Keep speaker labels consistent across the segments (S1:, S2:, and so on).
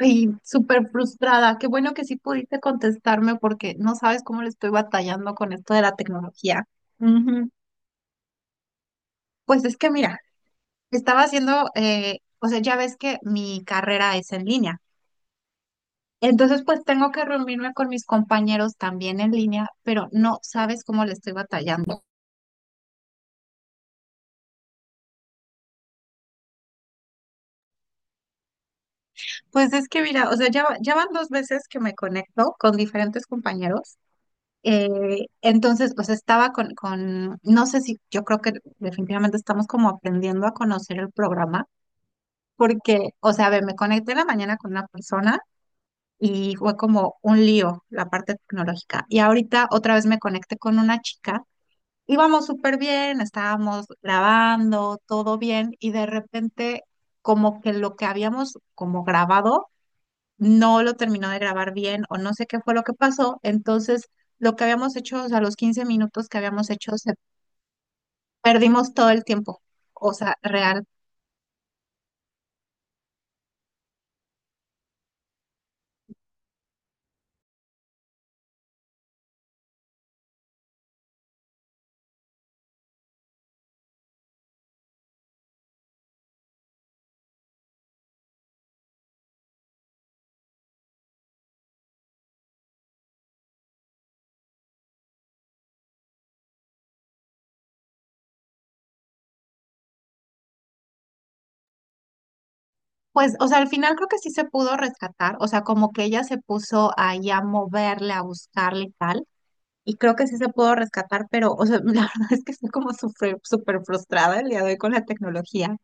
S1: Ay, súper frustrada. Qué bueno que sí pudiste contestarme porque no sabes cómo le estoy batallando con esto de la tecnología. Ujú. Pues es que mira, estaba haciendo, o sea, ya ves que mi carrera es en línea. Entonces, pues tengo que reunirme con mis compañeros también en línea, pero no sabes cómo le estoy batallando. Pues es que mira, o sea, ya, ya van dos veces que me conecto con diferentes compañeros. Entonces, pues estaba con, no sé si, yo creo que definitivamente estamos como aprendiendo a conocer el programa, porque, o sea, a ver, me conecté en la mañana con una persona y fue como un lío la parte tecnológica. Y ahorita otra vez me conecté con una chica, íbamos súper bien, estábamos grabando, todo bien, y de repente como que lo que habíamos como grabado no lo terminó de grabar bien o no sé qué fue lo que pasó. Entonces, lo que habíamos hecho, o sea, los 15 minutos que habíamos hecho, se perdimos todo el tiempo. O sea, real. Pues, o sea, al final creo que sí se pudo rescatar. O sea, como que ella se puso ahí a moverle, a buscarle y tal. Y creo que sí se pudo rescatar, pero, o sea, la verdad es que estoy como súper frustrada el día de hoy con la tecnología.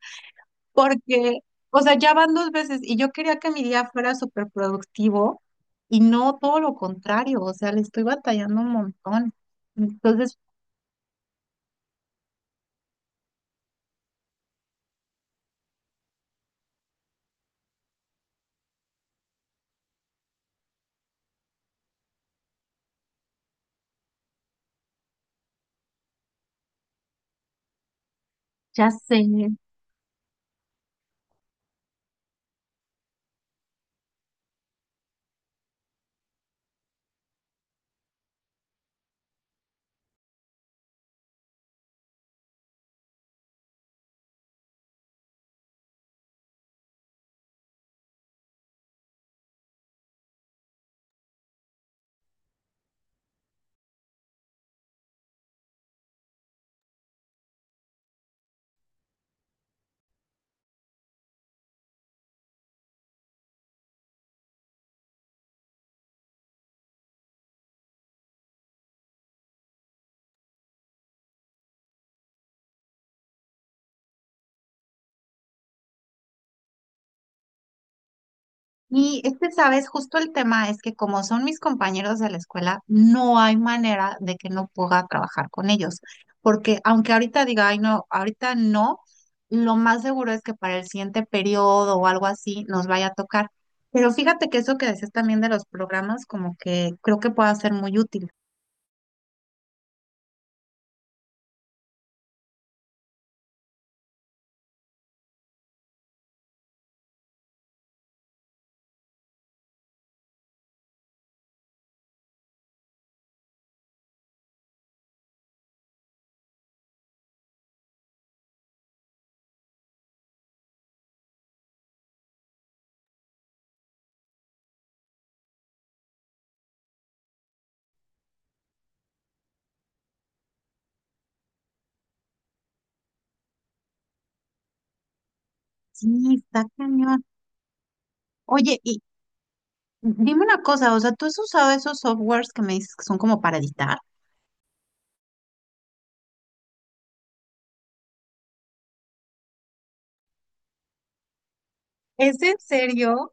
S1: Porque, o sea, ya van dos veces y yo quería que mi día fuera súper productivo y no todo lo contrario, o sea, le estoy batallando un montón. Entonces, ya sé. Y este, sabes, justo el tema es que como son mis compañeros de la escuela, no hay manera de que no pueda trabajar con ellos. Porque aunque ahorita diga, ay, no, ahorita no, lo más seguro es que para el siguiente periodo o algo así nos vaya a tocar. Pero fíjate que eso que decías también de los programas, como que creo que pueda ser muy útil. Sí, está cañón. Oye, y dime una cosa, o sea, ¿tú has usado esos softwares que me dices que son como para editar? ¿Es en serio?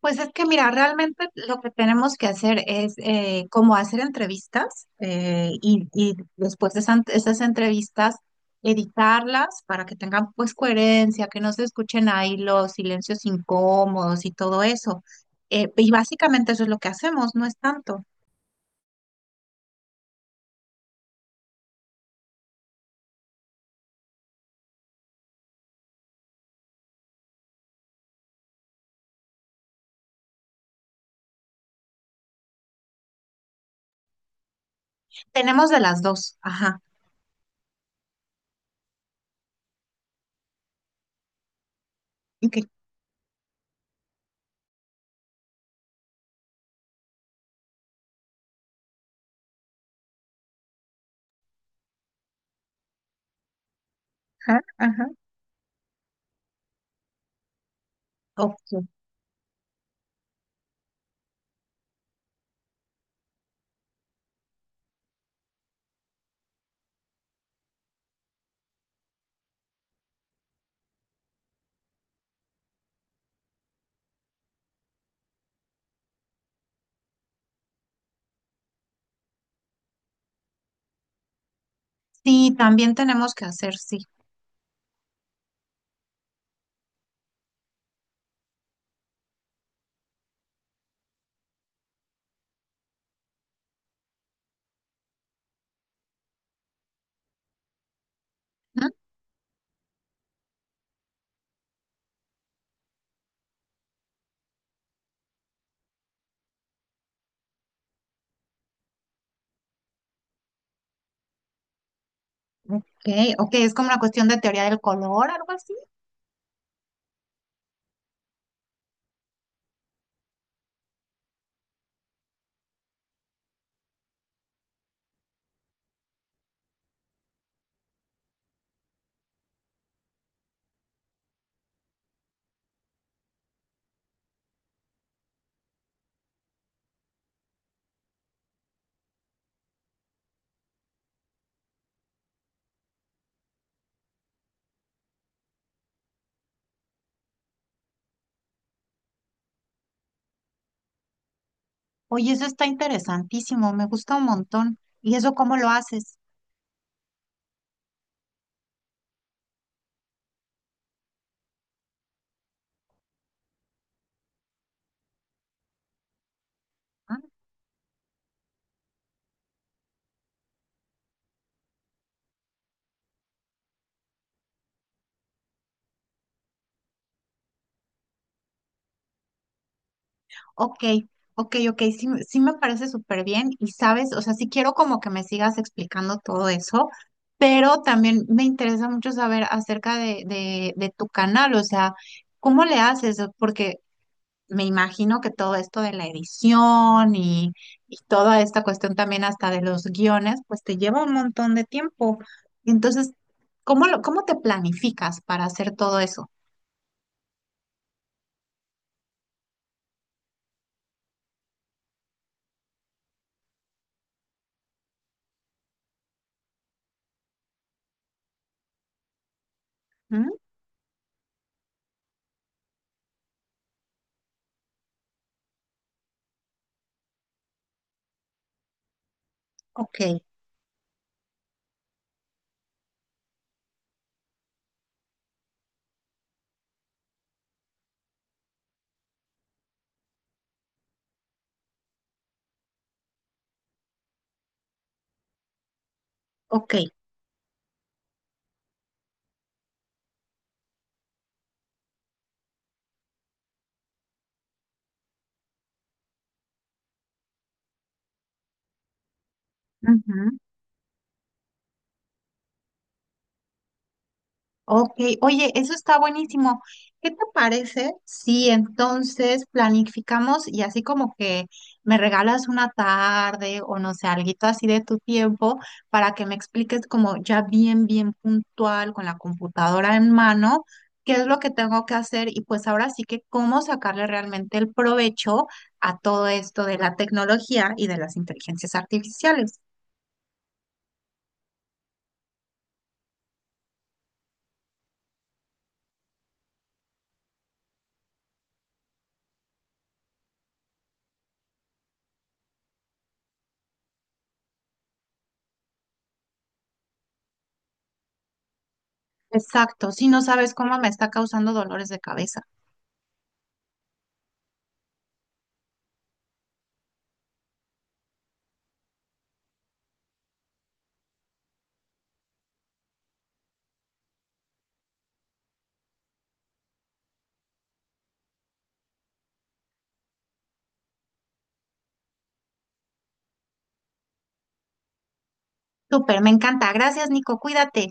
S1: Pues es que mira, realmente lo que tenemos que hacer es como hacer entrevistas, y después de esas, esas entrevistas editarlas para que tengan pues coherencia, que no se escuchen ahí los silencios incómodos y todo eso. Y básicamente eso es lo que hacemos, no es tanto. Tenemos de las dos, ajá. Ok. Ajá, ajá. Ok. Sí, también tenemos que hacer, sí. ¿Mm? Ok, ok, es como una cuestión de teoría del color, algo así. Oye, eso está interesantísimo, me gusta un montón. ¿Y eso cómo lo haces? Ah, ok, ok, ok, sí, sí me parece súper bien, y sabes, o sea, sí quiero como que me sigas explicando todo eso, pero también me interesa mucho saber acerca de tu canal, o sea, ¿cómo le haces? Porque me imagino que todo esto de la edición y toda esta cuestión también hasta de los guiones, pues te lleva un montón de tiempo. Entonces, ¿cómo lo, cómo te planificas para hacer todo eso? ¿Mm? Ok, ok. Ok, oye, eso está buenísimo. ¿Qué te parece si entonces planificamos y así como que me regalas una tarde o no sé, alguito así de tu tiempo para que me expliques como ya bien, bien puntual con la computadora en mano, qué es lo que tengo que hacer y pues ahora sí que cómo sacarle realmente el provecho a todo esto de la tecnología y de las inteligencias artificiales? Exacto, si no sabes cómo me está causando dolores de cabeza. Súper, me encanta. Gracias, Nico. Cuídate.